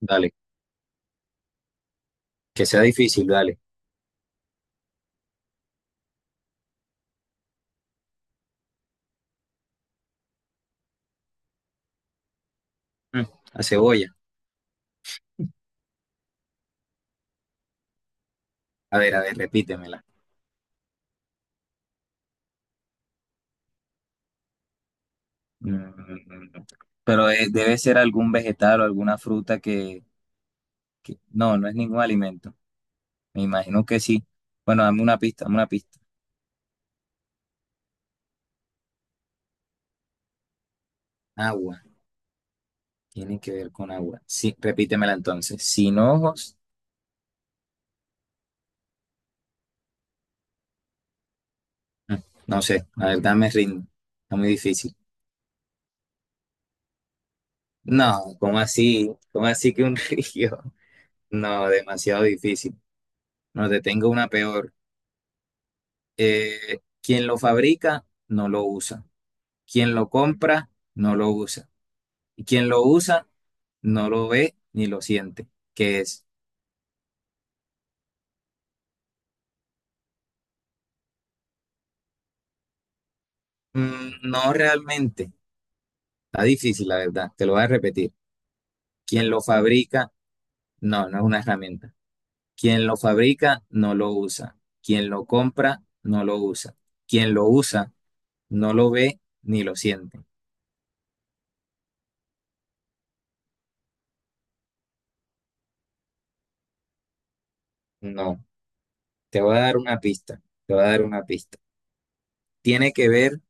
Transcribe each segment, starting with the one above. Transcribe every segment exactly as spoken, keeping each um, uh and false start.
Dale, que sea difícil, dale. Mm, La cebolla. A ver, a ver, repítemela. Mm, Pero eh, debe ser algún vegetal o alguna fruta que, que- No, no es ningún alimento. Me imagino que sí. Bueno, dame una pista, dame una pista. Agua. Tiene que ver con agua. Sí, repítemela entonces. Sin ojos. Mm, No sé, la verdad me rindo. Está muy difícil. No, ¿cómo así? ¿Cómo así que un río? No, demasiado difícil. No, te tengo una peor. Eh, quien lo fabrica no lo usa. Quien lo compra no lo usa. Y quien lo usa no lo ve ni lo siente. ¿Que es? Mm, no realmente. Está difícil, la verdad. Te lo voy a repetir. Quien lo fabrica, no, no es una herramienta. Quien lo fabrica no lo usa. Quien lo compra no lo usa. Quien lo usa no lo ve ni lo siente. No. Te voy a dar una pista. Te voy a dar una pista. Tiene que ver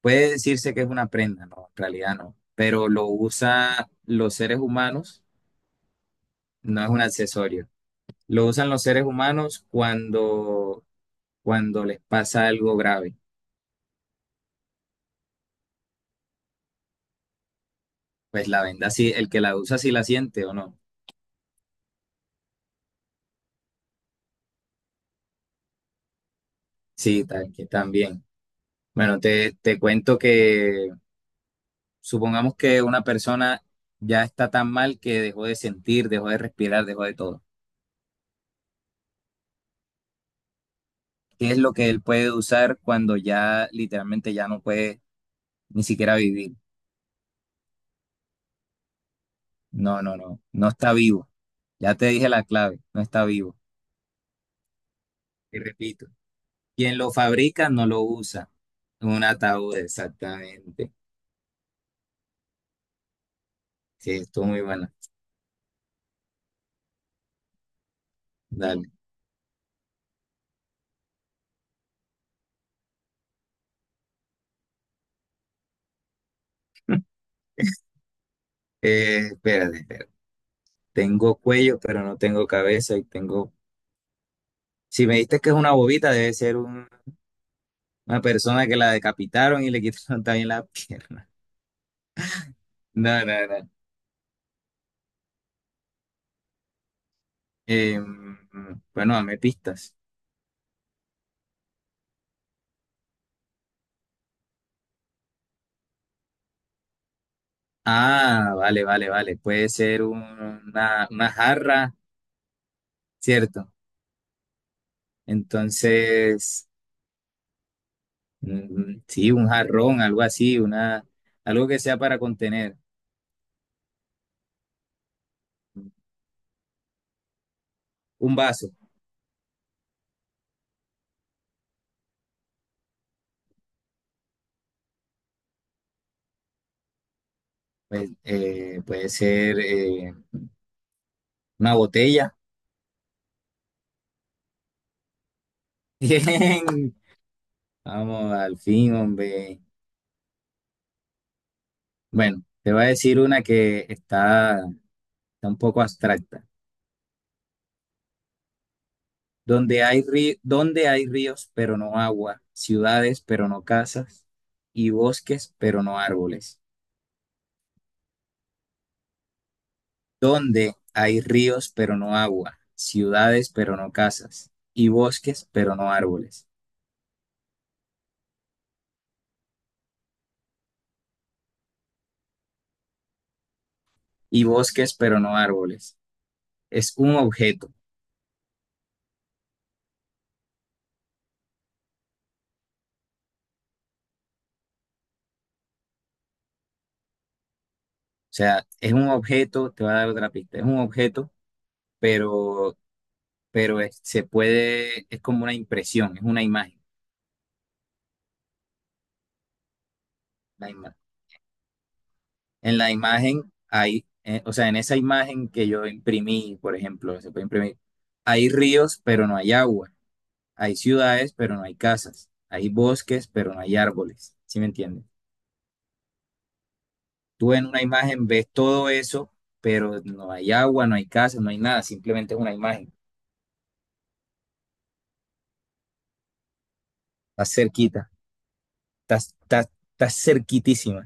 Puede decirse que es una prenda, no, en realidad no, pero lo usan los seres humanos, no es un accesorio. Lo usan los seres humanos cuando, cuando les pasa algo grave. Pues la venda sí, el que la usa sí la siente o no. Sí, tal, que también. Bueno, te, te cuento que supongamos que una persona ya está tan mal que dejó de sentir, dejó de respirar, dejó de todo. ¿Qué es lo que él puede usar cuando ya literalmente ya no puede ni siquiera vivir? No, no, no, no está vivo. Ya te dije la clave, no está vivo. Y repito, quien lo fabrica no lo usa. Un ataúd, exactamente. Sí, estuvo muy buena. Dale. Eh, espérate, espérate. Tengo cuello, pero no tengo cabeza y tengo... Si me diste que es una bobita, debe ser un- una persona que la decapitaron y le quitaron también la pierna. No, no, no. Eh, bueno, dame pistas. Ah, vale, vale, vale. Puede ser una, una jarra, ¿cierto? Entonces, mm, sí, un jarrón, algo así, una, algo que sea para contener. Un vaso, pues, eh, puede ser eh, una botella. Bien, vamos, al fin, hombre. Bueno, te voy a decir una que está, está un poco abstracta. Donde hay ri- donde hay ríos, pero no agua, ciudades, pero no casas, y bosques, pero no árboles. Donde hay ríos pero no agua, ciudades pero no casas, y bosques pero no árboles, y bosques pero no árboles. Es un objeto, o sea, es un objeto, te voy a dar otra pista, es un objeto, pero, pero es- se puede, es como una impresión, es una imagen, la ima- En la imagen hay, eh, o sea, en esa imagen que yo imprimí, por ejemplo, se puede imprimir, hay ríos pero no hay agua. Hay ciudades, pero no hay casas. Hay bosques, pero no hay árboles. ¿Sí me entiendes? Tú en una imagen ves todo eso, pero no hay agua, no hay casa, no hay nada. Simplemente es una imagen. Estás cerquita. Estás, estás, estás cerquitísima.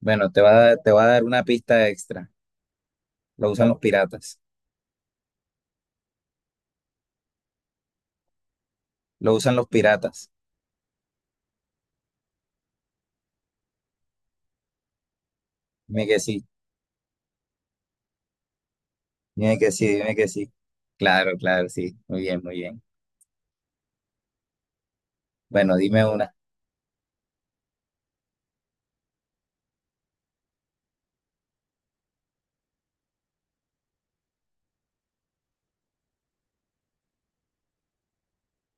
Bueno, te va a dar, te va a dar una pista extra. Lo usan los piratas. Lo usan los piratas. Dime que sí. Dime que sí. Dime que sí. Claro, claro, sí. Muy bien, muy bien. Bueno, dime una.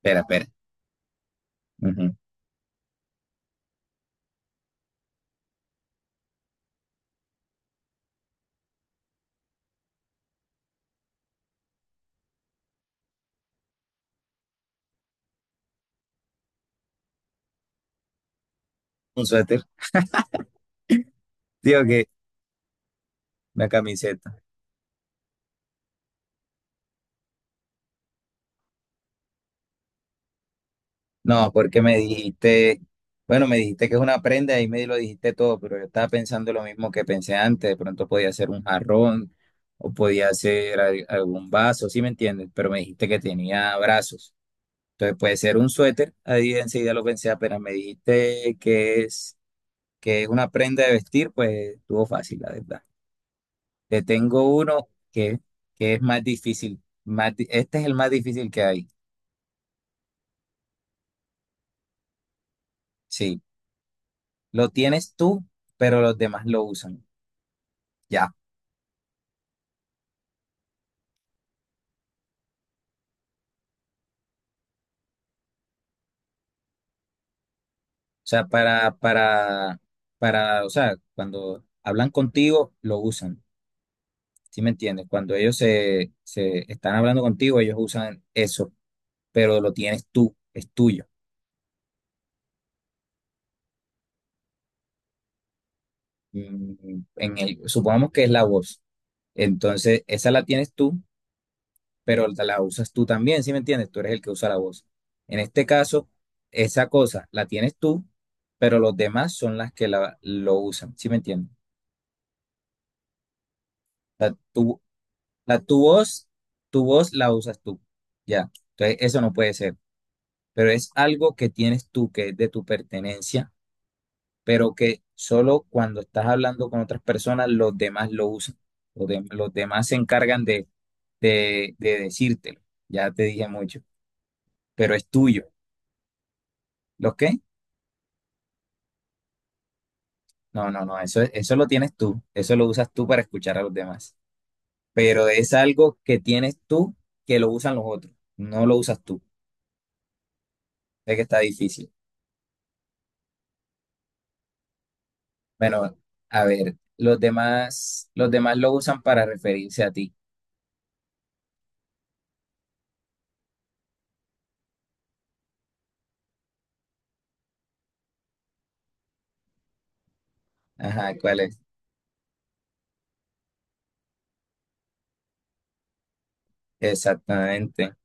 Espera, espera. Ujú. Un suéter. Digo que una camiseta. No, porque me dijiste, bueno, me dijiste que es una prenda y me lo dijiste todo, pero yo estaba pensando lo mismo que pensé antes, de pronto podía ser un jarrón o podía ser al- algún vaso, ¿sí me entiendes? Pero me dijiste que tenía brazos, entonces puede ser un suéter, ahí enseguida lo pensé, apenas me dijiste que es, que es, una prenda de vestir, pues estuvo fácil, la verdad. Te tengo uno que, que es más difícil, más, di- este es el más difícil que hay, sí, lo tienes tú, pero los demás lo usan. Ya. O sea, para, para, para, o sea, cuando hablan contigo, lo usan. ¿Sí me entiendes? Cuando ellos se, se están hablando contigo, ellos usan eso, pero lo tienes tú, es tuyo. Mm, En el, supongamos que es la voz. Entonces, esa la tienes tú, pero la la usas tú también, ¿sí me entiendes? Tú eres el que usa la voz. En este caso, esa cosa la tienes tú, pero los demás son las que la, lo usan, ¿sí me entiendes? O sea, tú La, tu voz, tu voz la usas tú. Ya. Entonces, eso no puede ser. Pero es algo que tienes tú, que es de tu pertenencia, pero que solo cuando estás hablando con otras personas, los demás lo usan. Los, dem- los demás se encargan de, de, de decírtelo. Ya te dije mucho. Pero es tuyo. ¿Lo qué? No, no, no. Eso, eso lo tienes tú. Eso lo usas tú para escuchar a los demás. Pero es algo que tienes tú que lo usan los otros. No lo usas tú. Es que está difícil. Bueno, a ver, los demás, los demás lo usan para referirse a ti. Ajá, ¿cuál es? Exactamente,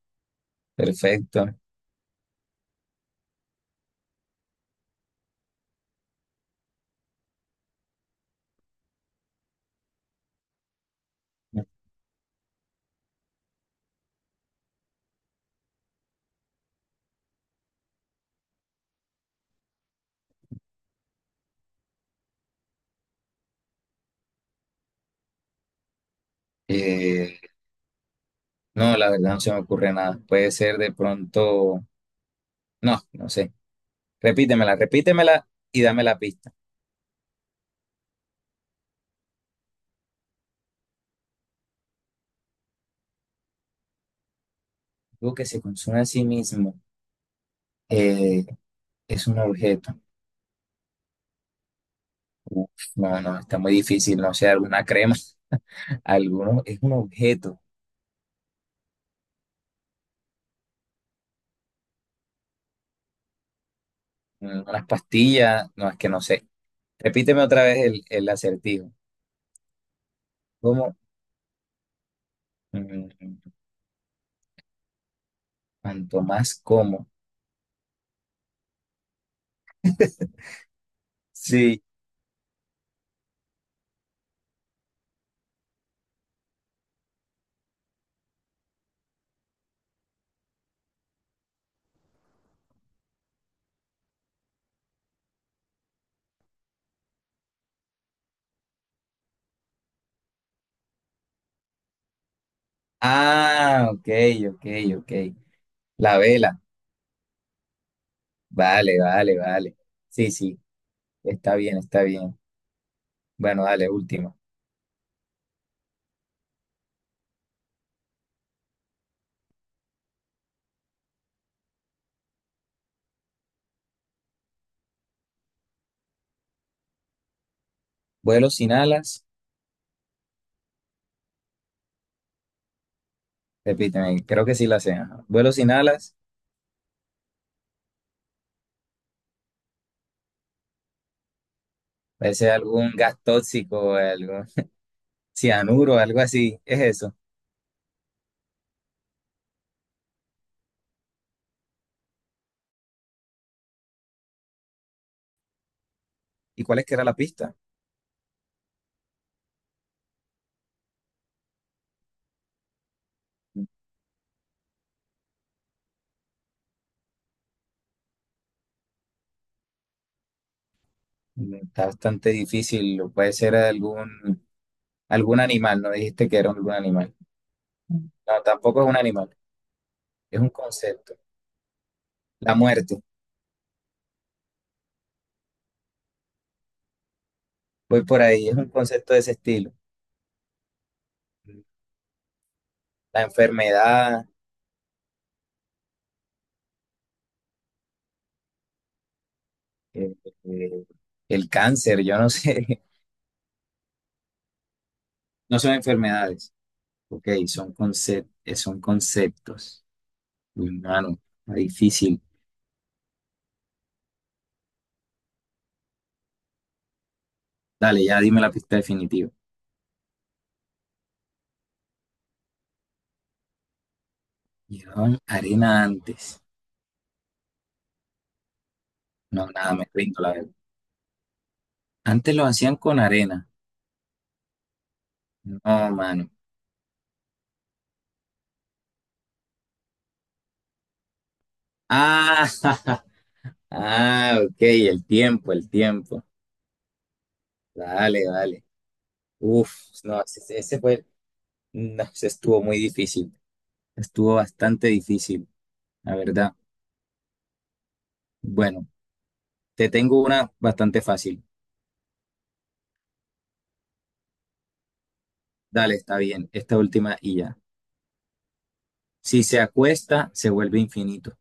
perfecto. Eh, no, la verdad no se me ocurre nada. Puede ser de pronto, no, no sé. Repítemela, repítemela y dame la pista. Algo que se consume a sí mismo, eh, es un objeto. Uf, no, no, está muy difícil. No sé, alguna crema, alguno, es un objeto. Unas pastillas, no, es que no sé. Repíteme otra vez el, el acertijo. ¿Cómo? Mm, Cuanto más como. Sí. Ah, ok, ok, ok. La vela. Vale, vale, vale. Sí, sí. Está bien, está bien. Bueno, dale, última. Vuelo sin alas. Repíteme, creo que sí la sé. Ajá. Vuelo sin alas. Puede ser algún gas tóxico, algo, cianuro, algo así. Es eso. ¿Y cuál es que era la pista? Mm, Está bastante difícil. Puede ser algún, algún animal. No dijiste que era algún animal. No, tampoco es un animal. Es un concepto. La muerte, voy por ahí, es un concepto de ese estilo. La enfermedad, eh, eh, el cáncer, yo no sé, no son enfermedades, ok, son concep- eh, son conceptos. Uy, mano, está difícil. Dale, ya dime la pista definitiva. Llevaban arena antes. No, nada, me rindo, la verdad. Antes lo hacían con arena. No, mano. Ah, ah, ok, el tiempo, el tiempo. Dale, dale. Uf, no, ese, ese fue. No, se estuvo muy difícil. Estuvo bastante difícil, la verdad. Bueno, te tengo una bastante fácil. Dale, está bien. Esta última y ya. Si se acuesta, se vuelve infinito.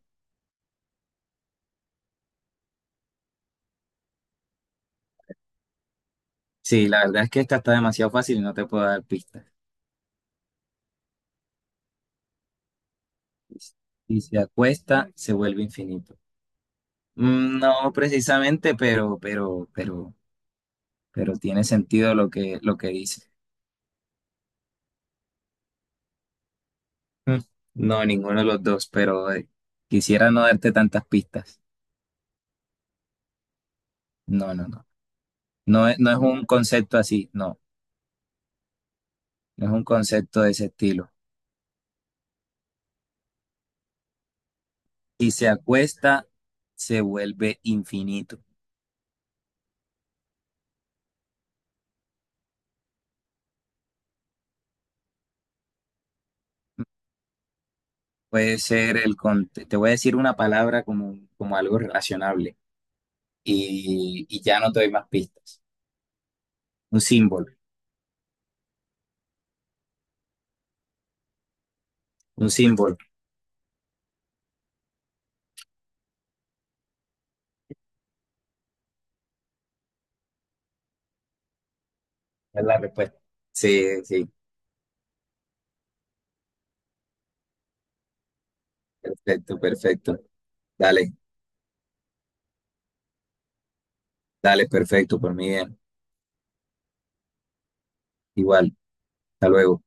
Sí, la verdad es que esta está demasiado fácil y no te puedo dar pistas. Si se acuesta, se vuelve infinito. Mm, No precisamente, pero, pero, pero, pero tiene sentido lo que, lo que dice. Mm, No, ninguno de los dos, pero eh, quisiera no darte tantas pistas. No, no, no. No es, no es un concepto así, no, no es un concepto de ese estilo. Si se acuesta, se vuelve infinito. Puede ser el, con- te te voy a decir una palabra como, como algo relacionable y, y ya no te doy más pistas. Un símbolo, un símbolo, es la respuesta. Sí, sí, perfecto, perfecto. Dale, dale, perfecto, por mí bien. Igual, hasta luego.